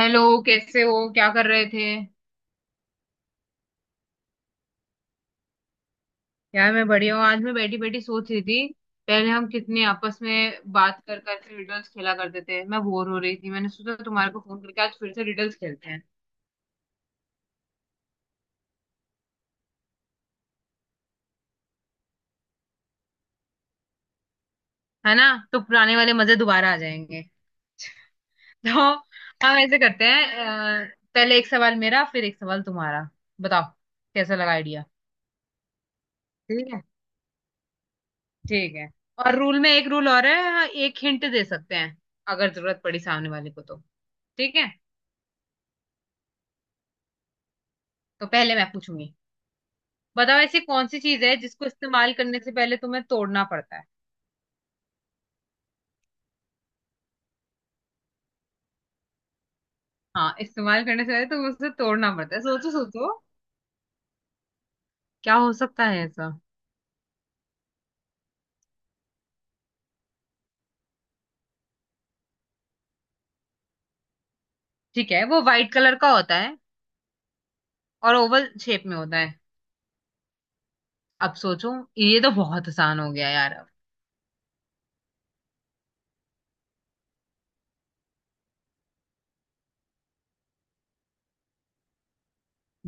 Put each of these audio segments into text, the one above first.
Hello. कैसे हो? क्या कर रहे थे? यार, मैं बढ़िया हूँ। आज मैं बैठी बैठी सोच रही थी, पहले हम कितने आपस में बात कर कर रिडल्स खेला करते थे। मैं बोर हो रही थी, मैंने सोचा तुम्हारे को फोन करके आज फिर से रिडल्स खेलते हैं। है ना? तो पुराने वाले मजे दोबारा आ जाएंगे। तो हम ऐसे करते हैं, पहले एक सवाल मेरा फिर एक सवाल तुम्हारा। बताओ, कैसा लगा आइडिया? ठीक है। ठीक है। और रूल में एक रूल और है, हाँ, एक हिंट दे सकते हैं अगर जरूरत पड़ी सामने वाले को तो। ठीक है। तो पहले मैं पूछूंगी। बताओ, ऐसी कौन सी चीज है जिसको इस्तेमाल करने से पहले तुम्हें तोड़ना पड़ता है? हाँ, इस्तेमाल करने से पहले तुम्हें उसे तोड़ना पड़ता है। सोचो सोचो, क्या हो सकता है ऐसा? ठीक है, वो व्हाइट कलर का होता है और ओवल शेप में होता है। अब सोचो, ये तो बहुत आसान हो गया यार अब।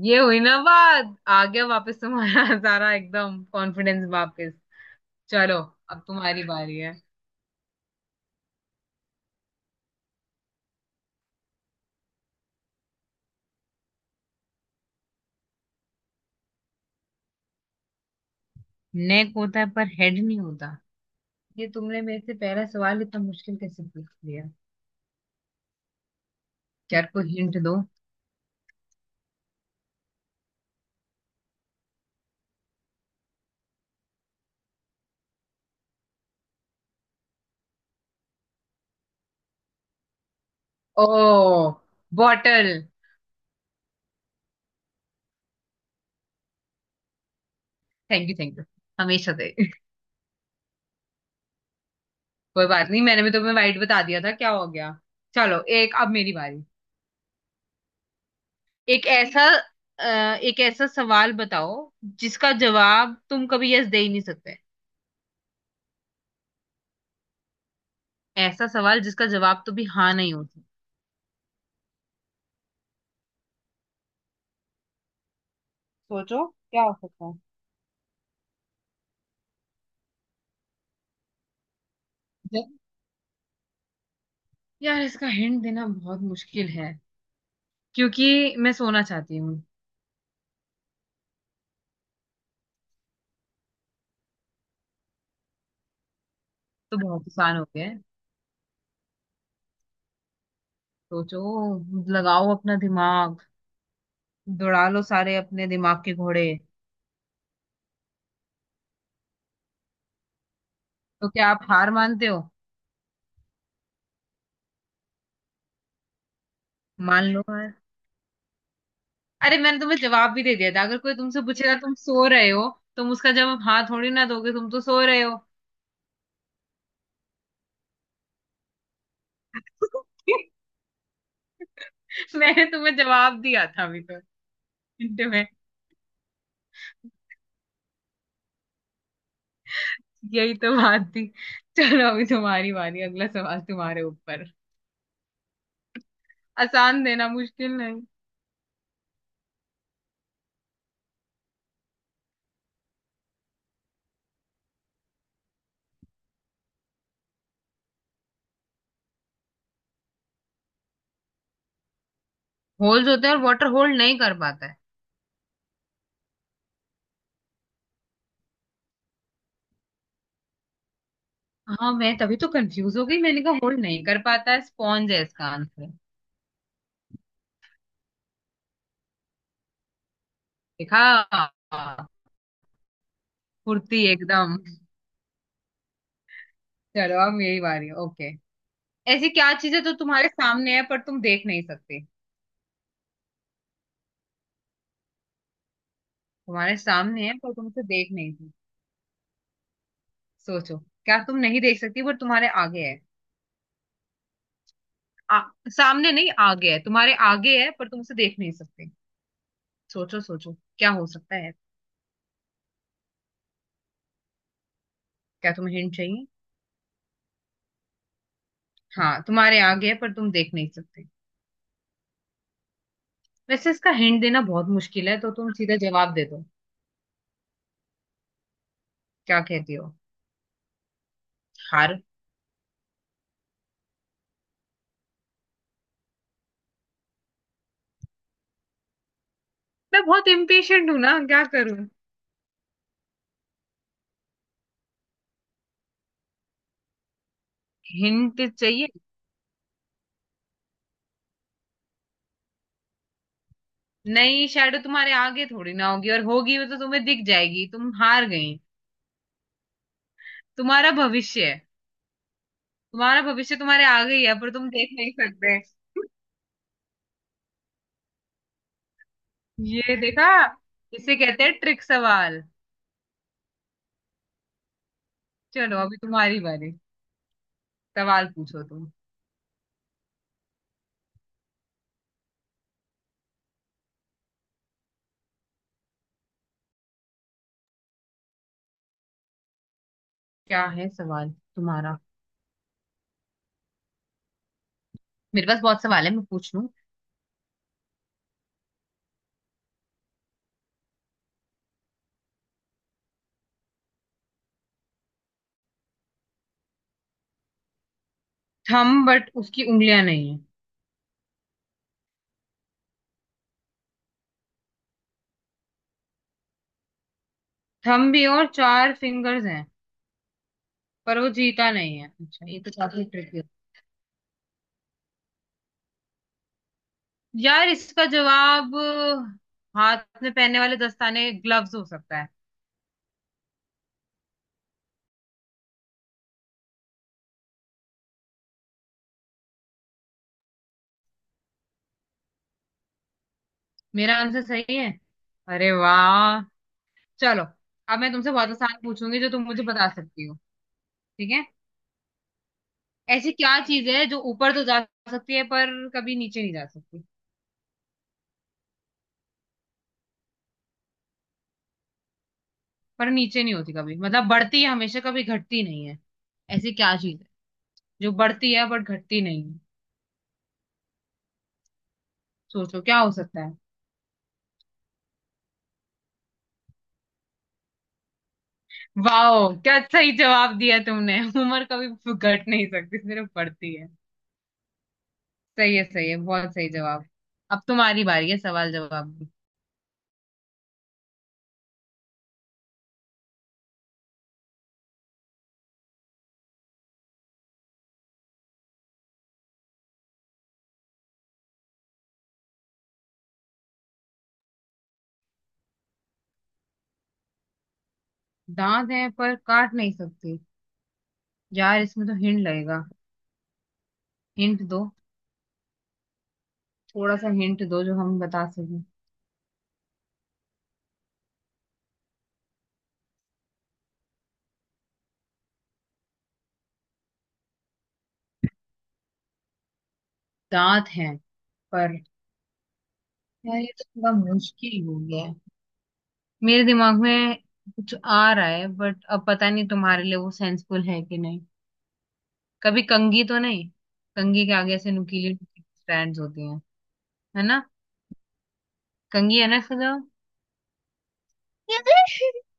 ये हुई ना बात, आ गया वापस तुम्हारा सारा एकदम कॉन्फिडेंस वापस। चलो, अब तुम्हारी बारी है। नेक होता है पर हेड नहीं होता? ये तुमने मेरे से पहला सवाल इतना मुश्किल कैसे पूछ लिया? यार, कोई हिंट दो। ओ, bottle. Thank you, thank you. हमेशा से। कोई बात नहीं, मैंने भी तुम्हें वाइट बता दिया था, क्या हो गया। चलो, एक अब मेरी बारी। एक ऐसा एक ऐसा सवाल बताओ जिसका जवाब तुम कभी यस दे ही नहीं सकते। ऐसा सवाल जिसका जवाब तो भी हाँ नहीं हो सकता। सोचो क्या हो सकता है। ज- यार, इसका हिंट देना बहुत मुश्किल है क्योंकि मैं सोना चाहती हूँ, तो बहुत आसान हो गया है। सोचो, लगाओ अपना दिमाग, दौड़ा लो सारे अपने दिमाग के घोड़े। तो क्या आप हार मानते हो? मान लो हार। अरे, मैंने तुम्हें जवाब भी दे दिया था, अगर कोई तुमसे पूछेगा तुम सो रहे हो, तुम उसका जवाब हाँ थोड़ी ना दोगे, तुम तो सो रहे हो। मैंने तुम्हें जवाब दिया था अभी तो, हिंट में। यही तो बात थी। चलो, अभी तुम्हारी बारी, अगला सवाल तुम्हारे ऊपर। आसान देना, मुश्किल नहीं। होल्स होते हैं और वाटर होल्ड नहीं कर पाता है? हाँ, मैं तभी तो कंफ्यूज हो गई, मैंने कहा होल्ड नहीं कर पाता है। स्पॉन्ज है इसका आंसर। देखा? फुर्ती एकदम। चलो, अब यही बारी है। ओके। ऐसी क्या चीजें तो तुम्हारे सामने है पर तुम देख नहीं सकते? तुम्हारे सामने है पर तुम उसे देख नहीं सकते। सोचो, क्या तुम नहीं देख सकती पर तुम्हारे आगे है? आ, सामने नहीं, आगे है, तुम्हारे आगे है पर तुम उसे देख नहीं सकते। सोचो सोचो, क्या हो सकता है। क्या तुम्हें हिंट चाहिए? हाँ, तुम्हारे आगे है पर तुम देख नहीं सकते। वैसे इसका हिंट देना बहुत मुश्किल है, तो तुम सीधा जवाब दे दो। क्या कहती हो? हार। मैं बहुत इम्पेशेंट हूं ना, क्या करूं। हिंट चाहिए? नहीं, शैडो तुम्हारे आगे थोड़ी ना होगी, और होगी वो तो तुम्हें दिख जाएगी। तुम हार गई। तुम्हारा भविष्य है। तुम्हारा भविष्य तुम्हारे आगे ही है पर तुम देख नहीं सकते। ये देखा? इसे कहते हैं ट्रिक सवाल। चलो, अभी तुम्हारी बारी। सवाल पूछो तुम। क्या है सवाल तुम्हारा? मेरे पास बहुत सवाल है, मैं पूछ लूं। थम बट उसकी उंगलियां नहीं है? थम भी और चार फिंगर्स हैं पर वो जीता नहीं है? अच्छा, ये तो काफी ट्रिक। यार, इसका जवाब हाथ में पहनने वाले दस्ताने, ग्लव्स हो सकता है। मेरा आंसर सही है? अरे वाह। चलो, अब मैं तुमसे बहुत आसान पूछूंगी जो तुम मुझे बता सकती हो। ठीक है। ऐसी क्या चीज है जो ऊपर तो जा सकती है पर कभी नीचे नहीं जा सकती, पर नीचे नहीं होती कभी, मतलब बढ़ती है हमेशा, कभी घटती नहीं है। ऐसी क्या चीज है जो बढ़ती है बट घटती नहीं है? सोचो क्या हो सकता है। वाह, क्या सही जवाब दिया तुमने उम्र कभी घट नहीं सकती, सिर्फ बढ़ती है। सही है, सही है, बहुत सही जवाब। अब तुम्हारी बारी है सवाल जवाब की। दांत हैं पर काट नहीं सकती? यार इसमें तो हिंट लगेगा, हिंट दो। थोड़ा सा हिंट दो जो हम बता सकें। दांत हैं पर? यार ये तो थोड़ा मुश्किल हो गया है। मेरे दिमाग में कुछ आ रहा है बट अब पता नहीं तुम्हारे लिए वो सेंसफुल है कि नहीं। कभी कंघी तो नहीं? कंघी के आगे ऐसे नुकीली स्ट्रैंड्स होती हैं, है ना? कंघी है ना इसका जवाब?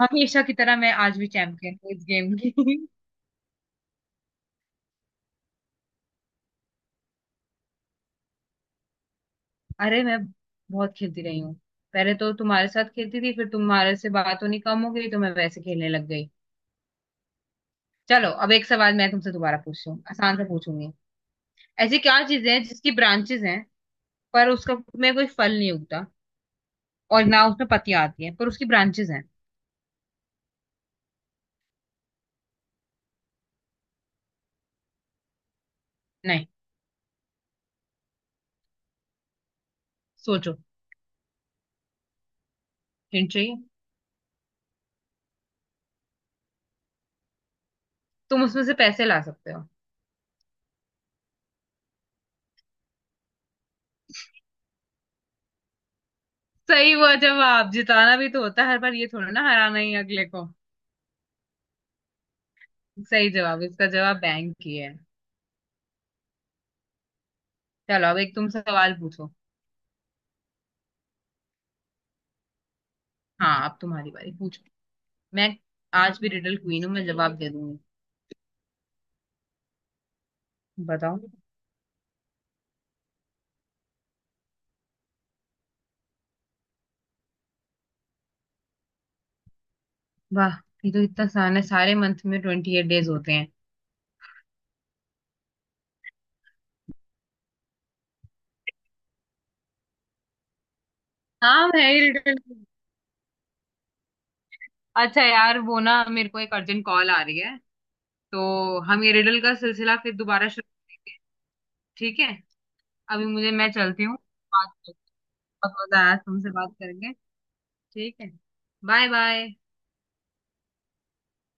हमेशा की तरह मैं आज भी चैंपियन हूँ इस गेम की। अरे, मैं बहुत खेलती रही हूँ। पहले तो तुम्हारे साथ खेलती थी, फिर तुम्हारे से बात होनी कम हो गई तो मैं वैसे खेलने लग गई। चलो, अब एक सवाल मैं तुमसे दोबारा पूछती हूँ, आसान से पूछूंगी। ऐसी क्या चीजें हैं जिसकी ब्रांचेस हैं पर उसका में कोई फल नहीं उगता, और ना उसमें पत्तियां आती हैं पर उसकी ब्रांचेस हैं? नहीं। सोचो। हिंट चाहिए? तुम उसमें से पैसे ला सकते हो। सही हुआ जवाब। जिताना भी तो होता है हर बार, ये थोड़ा ना हराना ही अगले को। सही जवाब, इसका जवाब बैंक ही है। चलो, अब एक तुम सवाल पूछो। हाँ, अब तुम्हारी बारी, पूछो। मैं आज भी रिडल क्वीन हूँ, मैं जवाब दे दूंगी। बताओ। वाह, ये तो इतना आसान है, सारे मंथ में 28 डेज होते हैं। हाँ, मैं ही रिडल। अच्छा यार, वो ना मेरे को एक अर्जेंट कॉल आ रही है, तो हम ये रिडल का सिलसिला फिर दोबारा शुरू करेंगे। ठीक है। अभी मुझे, मैं चलती हूँ। बात, बहुत मजा आया, तुमसे बात करेंगे। ठीक है। Bye bye.